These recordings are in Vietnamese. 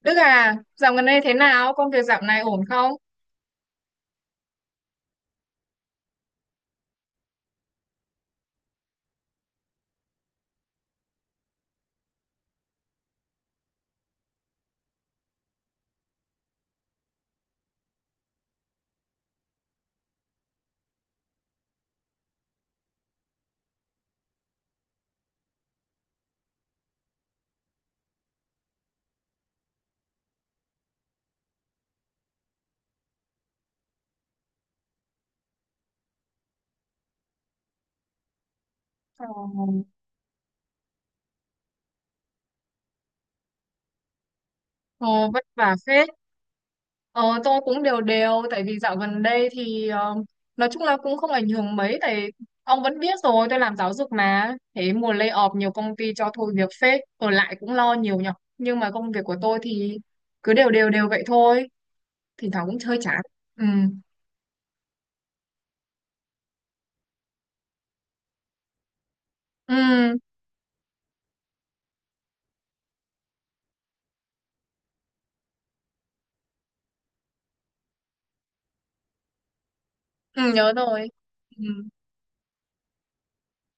Đức à, dạo gần đây thế nào? Công việc dạo này ổn không? Ờ, ồ, vất vả phết. Ờ, tôi cũng đều đều, tại vì dạo gần đây thì nói chung là cũng không ảnh hưởng mấy, tại ông vẫn biết rồi, tôi làm giáo dục mà. Thế mùa lay off nhiều công ty cho thôi việc phết, ở lại cũng lo nhiều nhở. Nhưng mà công việc của tôi thì cứ đều đều đều vậy thôi, thỉnh thoảng cũng chơi chán. Ừ, ừ, ừ nhớ rồi. Ừ,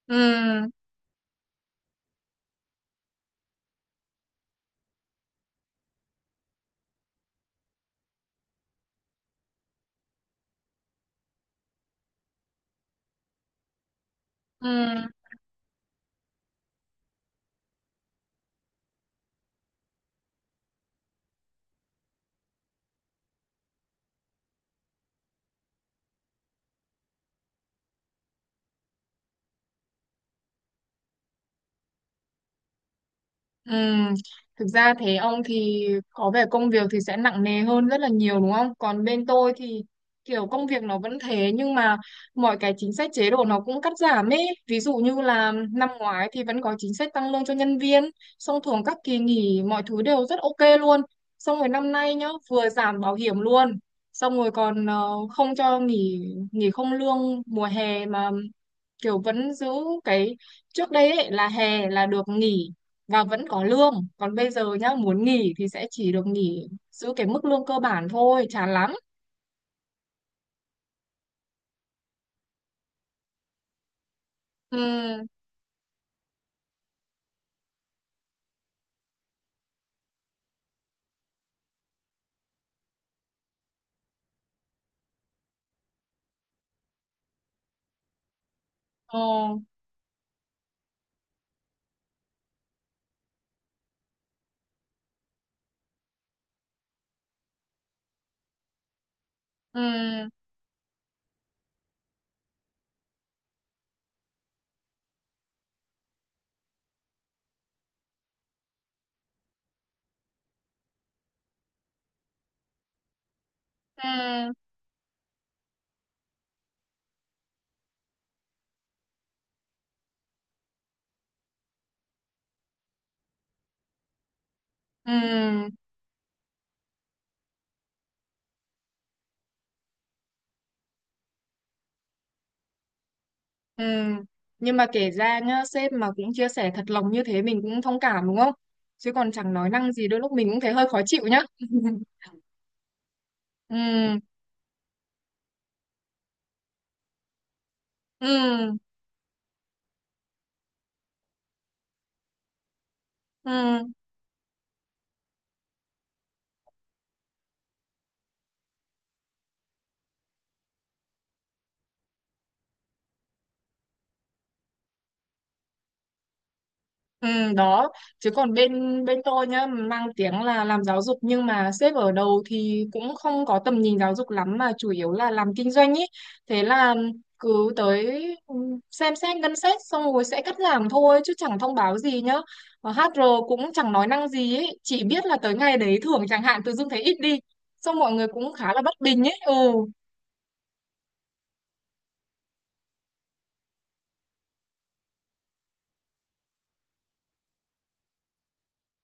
ừ, ừ. Ừm, Thực ra thế ông thì có vẻ công việc thì sẽ nặng nề hơn rất là nhiều đúng không? Còn bên tôi thì kiểu công việc nó vẫn thế, nhưng mà mọi cái chính sách chế độ nó cũng cắt giảm ấy. Ví dụ như là năm ngoái thì vẫn có chính sách tăng lương cho nhân viên, xong thường các kỳ nghỉ mọi thứ đều rất ok luôn. Xong rồi năm nay nhá, vừa giảm bảo hiểm luôn. Xong rồi còn không cho nghỉ, không lương mùa hè mà kiểu vẫn giữ cái trước đây ấy là hè là được nghỉ và vẫn có lương, còn bây giờ nhá muốn nghỉ thì sẽ chỉ được nghỉ giữ cái mức lương cơ bản thôi, chán lắm. Ừ, ừ, ừ, ừ, ừ, ừ, nhưng mà kể ra nhá, sếp mà cũng chia sẻ thật lòng như thế mình cũng thông cảm đúng không, chứ còn chẳng nói năng gì đôi lúc mình cũng thấy hơi khó chịu nhá. Ừ, ừ, ừ. Ừ, đó, chứ còn bên bên tôi nhá, mang tiếng là làm giáo dục nhưng mà sếp ở đầu thì cũng không có tầm nhìn giáo dục lắm mà chủ yếu là làm kinh doanh ý. Thế là cứ tới, ừ, xem xét ngân sách xong rồi sẽ cắt giảm thôi chứ chẳng thông báo gì nhá. Và HR cũng chẳng nói năng gì ấy, chỉ biết là tới ngày đấy thưởng chẳng hạn tự dưng thấy ít đi, xong mọi người cũng khá là bất bình ấy. Ừ.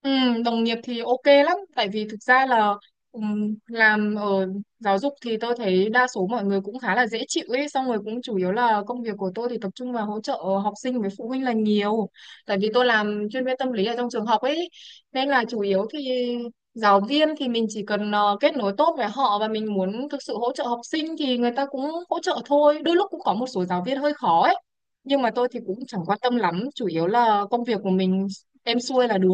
Ừ, đồng nghiệp thì ok lắm, tại vì thực ra là làm ở giáo dục thì tôi thấy đa số mọi người cũng khá là dễ chịu ấy, xong rồi cũng chủ yếu là công việc của tôi thì tập trung vào hỗ trợ học sinh với phụ huynh là nhiều, tại vì tôi làm chuyên viên tâm lý ở trong trường học ấy. Nên là chủ yếu thì giáo viên thì mình chỉ cần kết nối tốt với họ, và mình muốn thực sự hỗ trợ học sinh thì người ta cũng hỗ trợ thôi. Đôi lúc cũng có một số giáo viên hơi khó ấy, nhưng mà tôi thì cũng chẳng quan tâm lắm, chủ yếu là công việc của mình êm xuôi là được.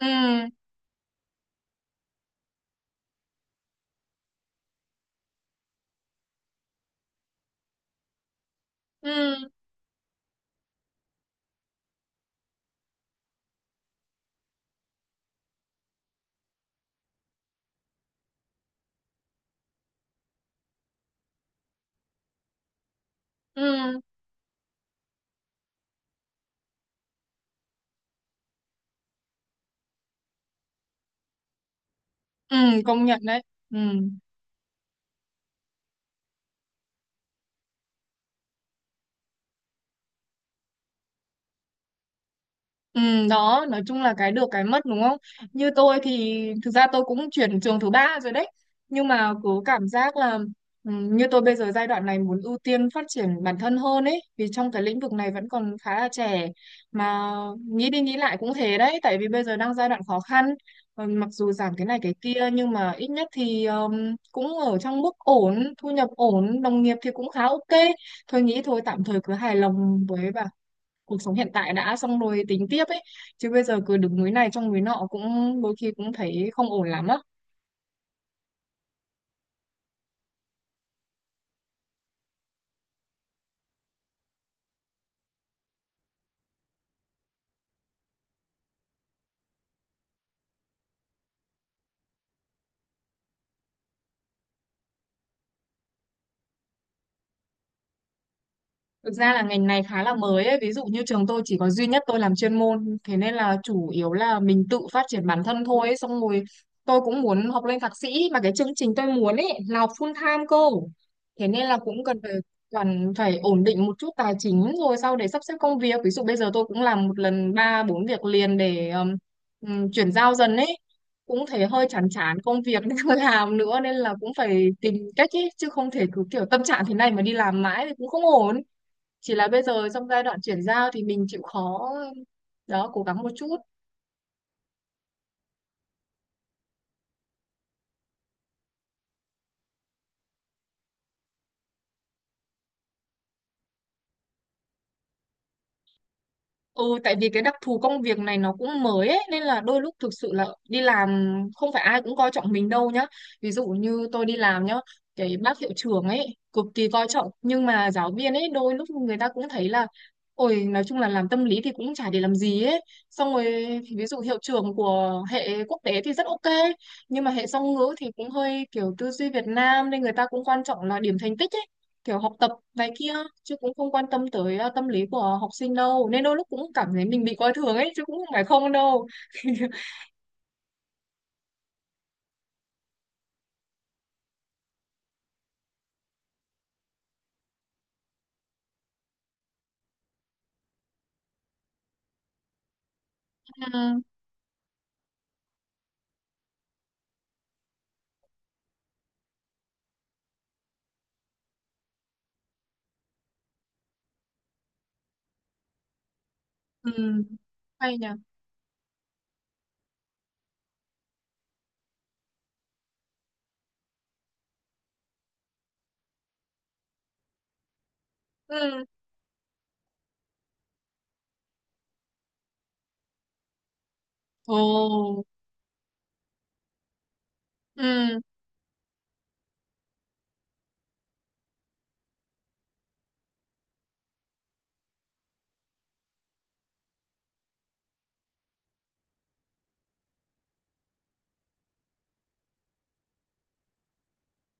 Ừ, ừ, ừ, ừ, công nhận đấy. Ừ. Ừ, đó, nói chung là cái được cái mất đúng không. Như tôi thì thực ra tôi cũng chuyển trường thứ ba rồi đấy, nhưng mà cứ cảm giác là như tôi bây giờ giai đoạn này muốn ưu tiên phát triển bản thân hơn ấy, vì trong cái lĩnh vực này vẫn còn khá là trẻ mà. Nghĩ đi nghĩ lại cũng thế đấy, tại vì bây giờ đang giai đoạn khó khăn. Ừ, mặc dù giảm cái này cái kia nhưng mà ít nhất thì cũng ở trong mức ổn, thu nhập ổn, đồng nghiệp thì cũng khá ok. Thôi nghĩ thôi, tạm thời cứ hài lòng với cuộc sống hiện tại đã xong rồi tính tiếp ấy, chứ bây giờ cứ đứng núi này trông núi nọ cũng đôi khi cũng thấy không ổn lắm á. Thực ra là ngành này khá là mới ấy. Ví dụ như trường tôi chỉ có duy nhất tôi làm chuyên môn, thế nên là chủ yếu là mình tự phát triển bản thân thôi ấy. Xong rồi tôi cũng muốn học lên thạc sĩ mà cái chương trình tôi muốn ấy là học full time cô. Thế nên là cũng cần phải ổn định một chút tài chính rồi sau để sắp xếp công việc. Ví dụ bây giờ tôi cũng làm một lần ba bốn việc liền để chuyển giao dần ấy. Cũng thấy hơi chán chán công việc nên không làm nữa, nên là cũng phải tìm cách ấy, chứ không thể cứ kiểu tâm trạng thế này mà đi làm mãi thì cũng không ổn. Chỉ là bây giờ trong giai đoạn chuyển giao thì mình chịu khó, đó, cố gắng một chút. Ừ, tại vì cái đặc thù công việc này nó cũng mới ấy, nên là đôi lúc thực sự là đi làm không phải ai cũng coi trọng mình đâu nhá. Ví dụ như tôi đi làm nhá, cái bác hiệu trưởng ấy cực kỳ coi trọng, nhưng mà giáo viên ấy đôi lúc người ta cũng thấy là ôi nói chung là làm tâm lý thì cũng chả để làm gì ấy. Xong rồi ví dụ hiệu trưởng của hệ quốc tế thì rất ok, nhưng mà hệ song ngữ thì cũng hơi kiểu tư duy Việt Nam nên người ta cũng quan trọng là điểm thành tích ấy, kiểu học tập này kia, chứ cũng không quan tâm tới tâm lý của học sinh đâu, nên đôi lúc cũng cảm thấy mình bị coi thường ấy chứ cũng không phải không đâu. Ừ, ừ, hay nhỉ. Ừ. Ồ, ừ,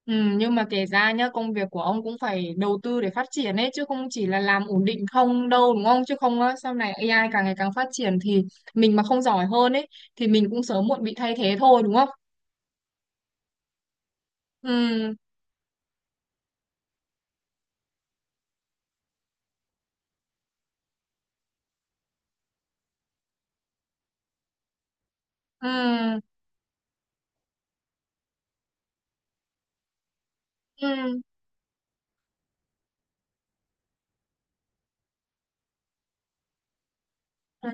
ừ, nhưng mà kể ra nhá, công việc của ông cũng phải đầu tư để phát triển ấy chứ không chỉ là làm ổn định không đâu đúng không, chứ không á sau này AI càng ngày càng phát triển thì mình mà không giỏi hơn ấy thì mình cũng sớm muộn bị thay thế thôi đúng không. Ừ, ừ, ừ, ừ.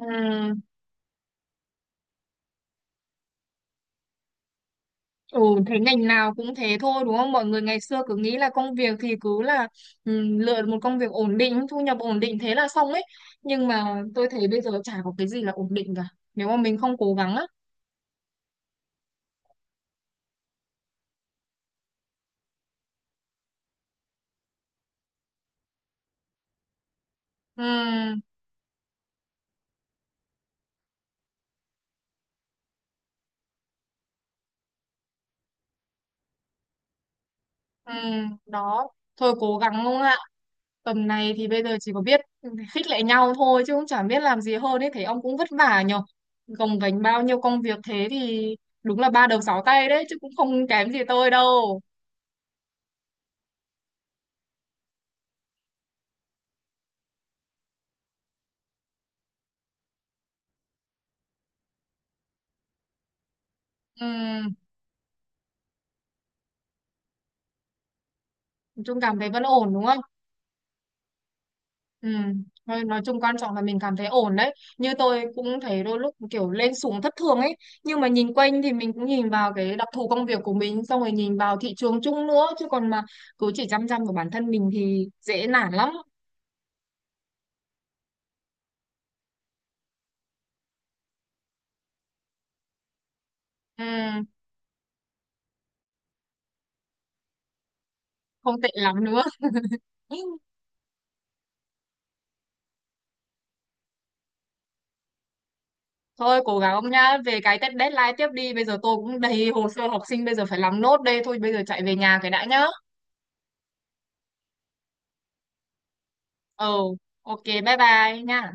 Ừ, thế ngành nào cũng thế thôi đúng không? Mọi người ngày xưa cứ nghĩ là công việc thì cứ là lựa một công việc ổn định, thu nhập ổn định thế là xong ấy. Nhưng mà tôi thấy bây giờ chả có cái gì là ổn định cả. Nếu mà mình không cố gắng á. Ừ, ừ, đó. Thôi cố gắng không ạ? Tầm này thì bây giờ chỉ có biết khích lệ nhau thôi chứ cũng chả biết làm gì hơn ấy. Thấy ông cũng vất vả nhờ. Gồng gánh bao nhiêu công việc thế thì đúng là ba đầu sáu tay đấy chứ cũng không kém gì tôi đâu. Ừ, nói chung cảm thấy vẫn ổn đúng không? Ừ. Thôi nói chung quan trọng là mình cảm thấy ổn đấy. Như tôi cũng thấy đôi lúc kiểu lên xuống thất thường ấy. Nhưng mà nhìn quanh thì mình cũng nhìn vào cái đặc thù công việc của mình, xong rồi nhìn vào thị trường chung nữa. Chứ còn mà cứ chỉ chăm chăm vào bản thân mình thì dễ nản lắm. Ừ. Không tệ lắm nữa. Thôi cố gắng ông nhá. Về cái test deadline tiếp đi. Bây giờ tôi cũng đầy hồ sơ học sinh bây giờ phải làm nốt đây. Thôi bây giờ chạy về nhà cái đã nhá. Ừ. Ok bye bye nha.